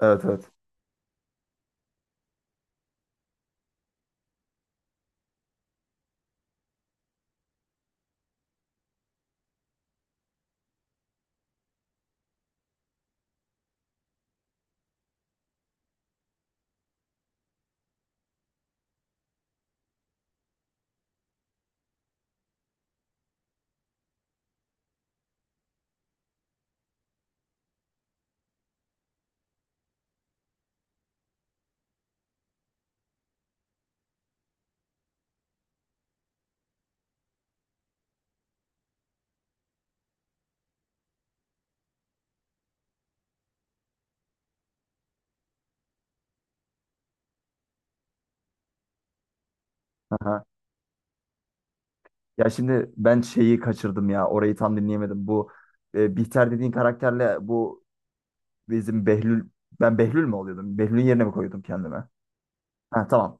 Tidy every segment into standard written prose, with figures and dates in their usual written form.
Evet evet. Aha. Ya şimdi ben şeyi kaçırdım ya. Orayı tam dinleyemedim. Bu Bihter dediğin karakterle bu bizim Behlül ben Behlül mü oluyordum? Behlül'ün yerine mi koyuyordum kendime? Ha, tamam.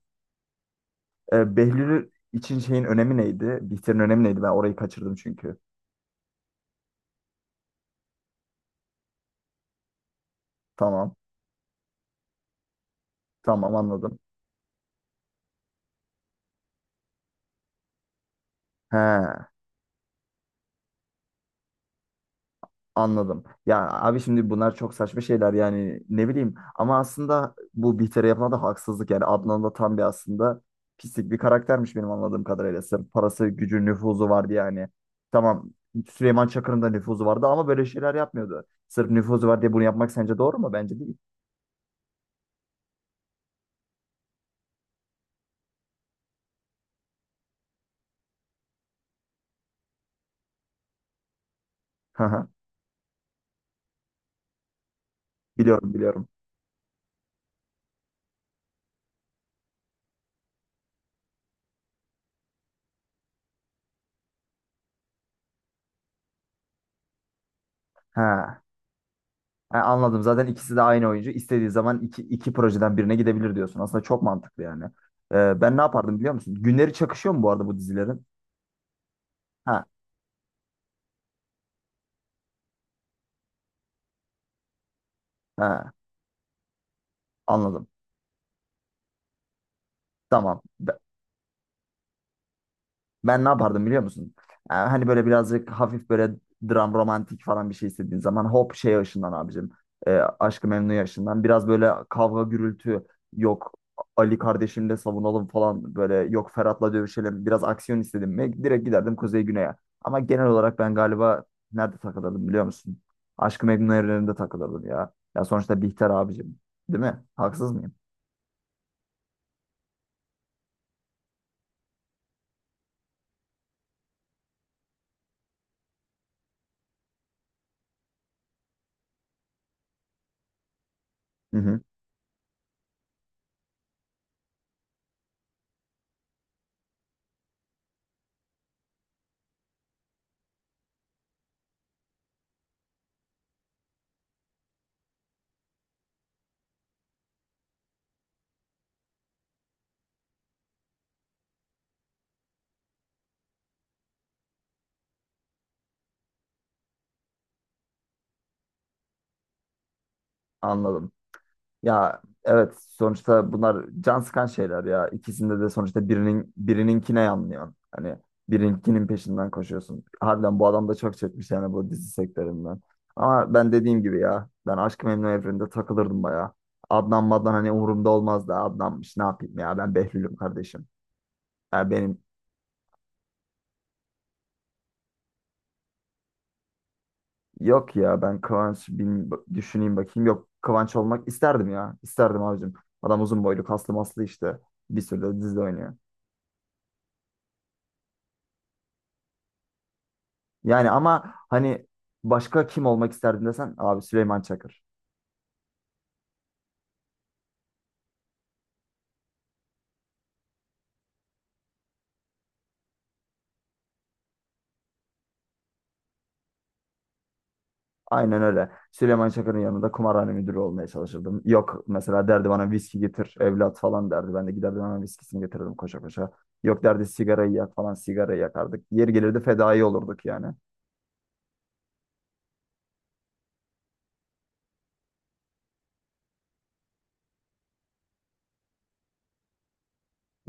Behlül için şeyin önemi neydi? Bihter'in önemi neydi? Ben orayı kaçırdım çünkü. Tamam. Tamam, anladım. He. Anladım. Ya abi, şimdi bunlar çok saçma şeyler yani, ne bileyim, ama aslında bu Bihter'e yapılan da haksızlık yani. Adnan da tam bir aslında pislik bir karaktermiş benim anladığım kadarıyla. Sırf parası, gücü, nüfuzu vardı yani. Tamam. Süleyman Çakır'ın da nüfuzu vardı ama böyle şeyler yapmıyordu. Sırf nüfuzu var diye bunu yapmak sence doğru mu? Bence değil. Haha, biliyorum biliyorum. Ha. Ha, anladım. Zaten ikisi de aynı oyuncu. İstediği zaman iki projeden birine gidebilir diyorsun. Aslında çok mantıklı yani. Ben ne yapardım biliyor musun? Günleri çakışıyor mu bu arada bu dizilerin? Ha. Ha, anladım. Tamam. Ben ne yapardım biliyor musun? Hani böyle birazcık hafif böyle dram romantik falan bir şey istediğin zaman hop şey ışından abicim. Ee, Aşk-ı Memnu ışından. Biraz böyle kavga gürültü yok. Ali kardeşimle savunalım falan, böyle yok Ferhat'la dövüşelim. Biraz aksiyon istedim mi? Direkt giderdim Kuzey Güney'e. Ama genel olarak ben galiba nerede takılırdım biliyor musun? Aşk-ı Memnu evreninde takılırdım ya. Ya sonuçta Bihter abicim. Değil mi? Haksız mıyım? Hı hı, anladım. Ya evet, sonuçta bunlar can sıkan şeyler ya. İkisinde de sonuçta birinin birininkine yanlıyorsun. Hani birininkinin peşinden koşuyorsun. Harbiden bu adam da çok çekmiş yani bu dizi sektöründen. Ama ben dediğim gibi ya, ben Aşk-ı Memnu evreninde takılırdım bayağı. Adnan maddan hani umurumda olmazdı. Adnanmış ne yapayım, ya ben Behlül'üm kardeşim. Ya benim yok ya, düşüneyim bakayım. Yok, Kıvanç olmak isterdim ya. İsterdim abicim. Adam uzun boylu, kaslı maslı işte. Bir sürü de dizide oynuyor. Yani ama hani başka kim olmak isterdin desen, abi Süleyman Çakır. Aynen öyle. Süleyman Çakır'ın yanında kumarhane müdürü olmaya çalışırdım. Yok, mesela derdi bana viski getir evlat falan derdi. Ben de giderdim hemen, viskisini getirirdim koşa koşa. Yok derdi sigarayı yak falan, sigarayı yakardık. Yeri gelirdi fedai olurduk yani.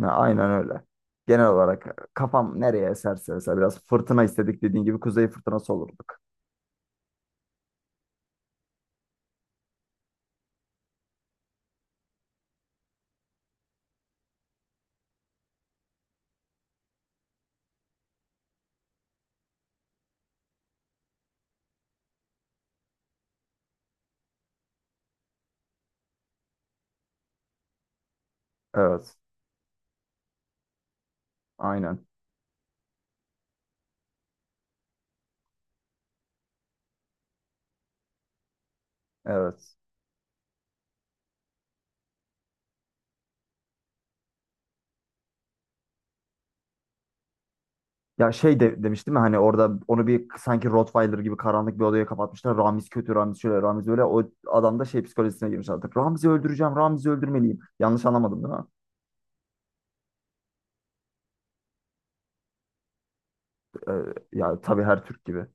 Ha, aynen öyle. Genel olarak kafam nereye eserse, mesela biraz fırtına istedik dediğin gibi kuzey fırtınası olurduk. Evet. Aynen. Evet. Ya demiş değil mi hani orada onu bir sanki Rottweiler gibi karanlık bir odaya kapatmışlar. Ramiz kötü, Ramiz şöyle, Ramiz böyle. O adam da şey psikolojisine girmiş artık. Ramiz'i öldüreceğim, Ramiz'i öldürmeliyim. Yanlış anlamadım değil mi? Ya tabii, her Türk gibi.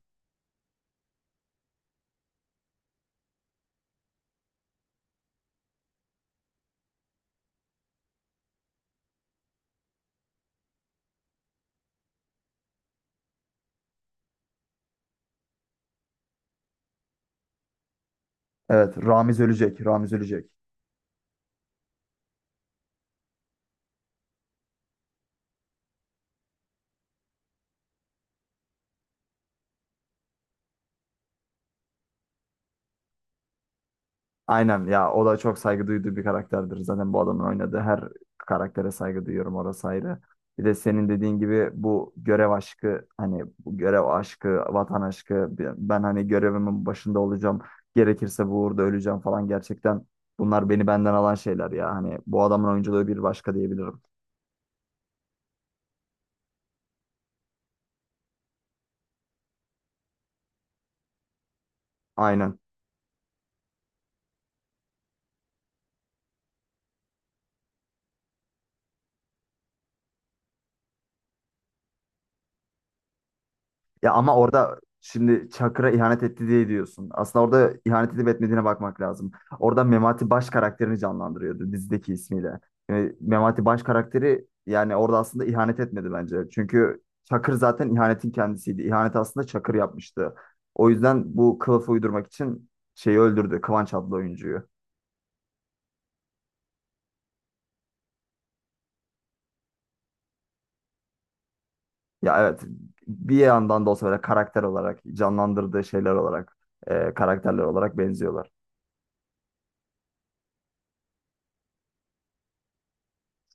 Evet, Ramiz ölecek, Ramiz ölecek. Aynen ya, o da çok saygı duyduğu bir karakterdir. Zaten bu adamın oynadığı her karaktere saygı duyuyorum, orası ayrı. Bir de senin dediğin gibi bu görev aşkı, hani bu görev aşkı, vatan aşkı, ben hani görevimin başında olacağım. Gerekirse bu uğurda öleceğim falan, gerçekten bunlar beni benden alan şeyler ya. Hani bu adamın oyunculuğu bir başka diyebilirim. Aynen. Ya ama orada şimdi Çakır'a ihanet etti diye diyorsun. Aslında orada ihanet edip etmediğine bakmak lazım. Orada Memati Baş karakterini canlandırıyordu dizideki ismiyle. Yani Memati Baş karakteri yani orada aslında ihanet etmedi bence. Çünkü Çakır zaten ihanetin kendisiydi. İhanet aslında Çakır yapmıştı. O yüzden bu kılıfı uydurmak için şeyi öldürdü, Kıvanç adlı oyuncuyu. Ya evet, bir yandan da olsa böyle karakter olarak canlandırdığı şeyler olarak karakterler olarak benziyorlar.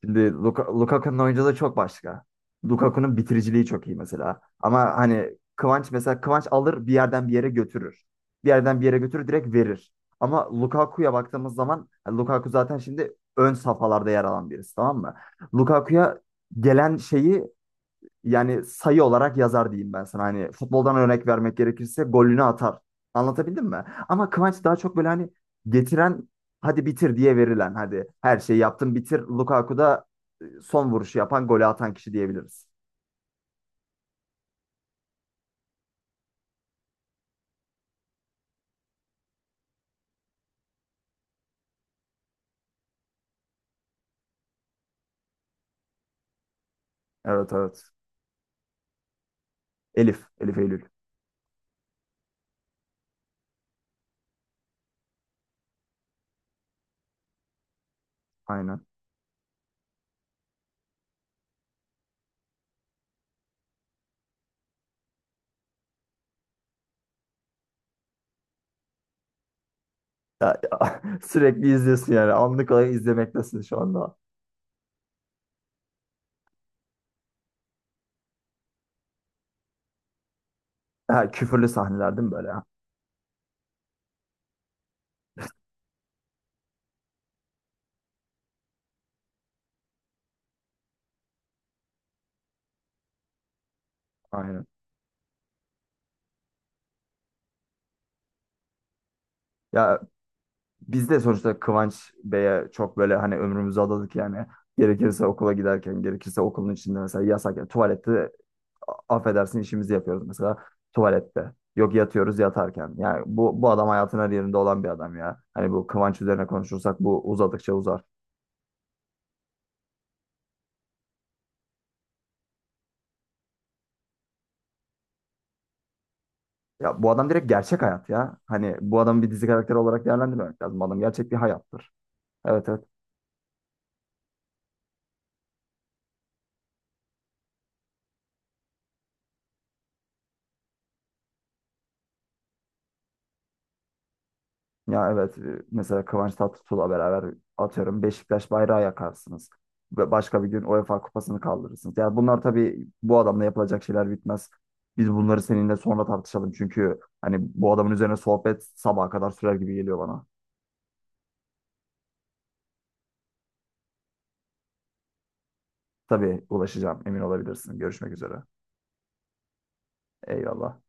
Şimdi Lukaku'nun oyunculuğu çok başka. Lukaku'nun bitiriciliği çok iyi mesela. Ama hani Kıvanç, mesela Kıvanç alır bir yerden bir yere götürür. Bir yerden bir yere götürür, direkt verir. Ama Lukaku'ya baktığımız zaman yani Lukaku zaten şimdi ön safhalarda yer alan birisi, tamam mı? Lukaku'ya gelen şeyi yani sayı olarak yazar diyeyim ben sana. Hani futboldan örnek vermek gerekirse golünü atar. Anlatabildim mi? Ama Kıvanç daha çok böyle hani getiren, hadi bitir diye verilen, hadi her şeyi yaptın bitir. Lukaku da son vuruşu yapan, golü atan kişi diyebiliriz. Evet evet. Elif Eylül. Aynen. Ya, ya, sürekli izliyorsun yani. Anlık olarak izlemektesin şu anda. Ha, küfürlü sahneler değil mi böyle? Aynen. Ya biz de sonuçta Kıvanç Bey'e çok böyle hani ömrümüzü adadık yani. Gerekirse okula giderken, gerekirse okulun içinde mesela yasak. Yani tuvalette affedersin işimizi yapıyoruz mesela tuvalette. Yok, yatıyoruz yatarken. Yani bu adam hayatın her yerinde olan bir adam ya. Hani bu Kıvanç üzerine konuşursak bu uzadıkça uzar. Ya bu adam direkt gerçek hayat ya. Hani bu adamı bir dizi karakteri olarak değerlendirmemek lazım. Bu adam gerçek bir hayattır. Evet evet. Ya evet, mesela Kıvanç Tatlıtuğ'la beraber atıyorum Beşiktaş bayrağı yakarsınız. Ve başka bir gün UEFA kupasını kaldırırsınız. Yani bunlar tabii, bu adamla yapılacak şeyler bitmez. Biz bunları seninle sonra tartışalım. Çünkü hani bu adamın üzerine sohbet sabaha kadar sürer gibi geliyor bana. Tabii ulaşacağım, emin olabilirsin. Görüşmek üzere. Eyvallah.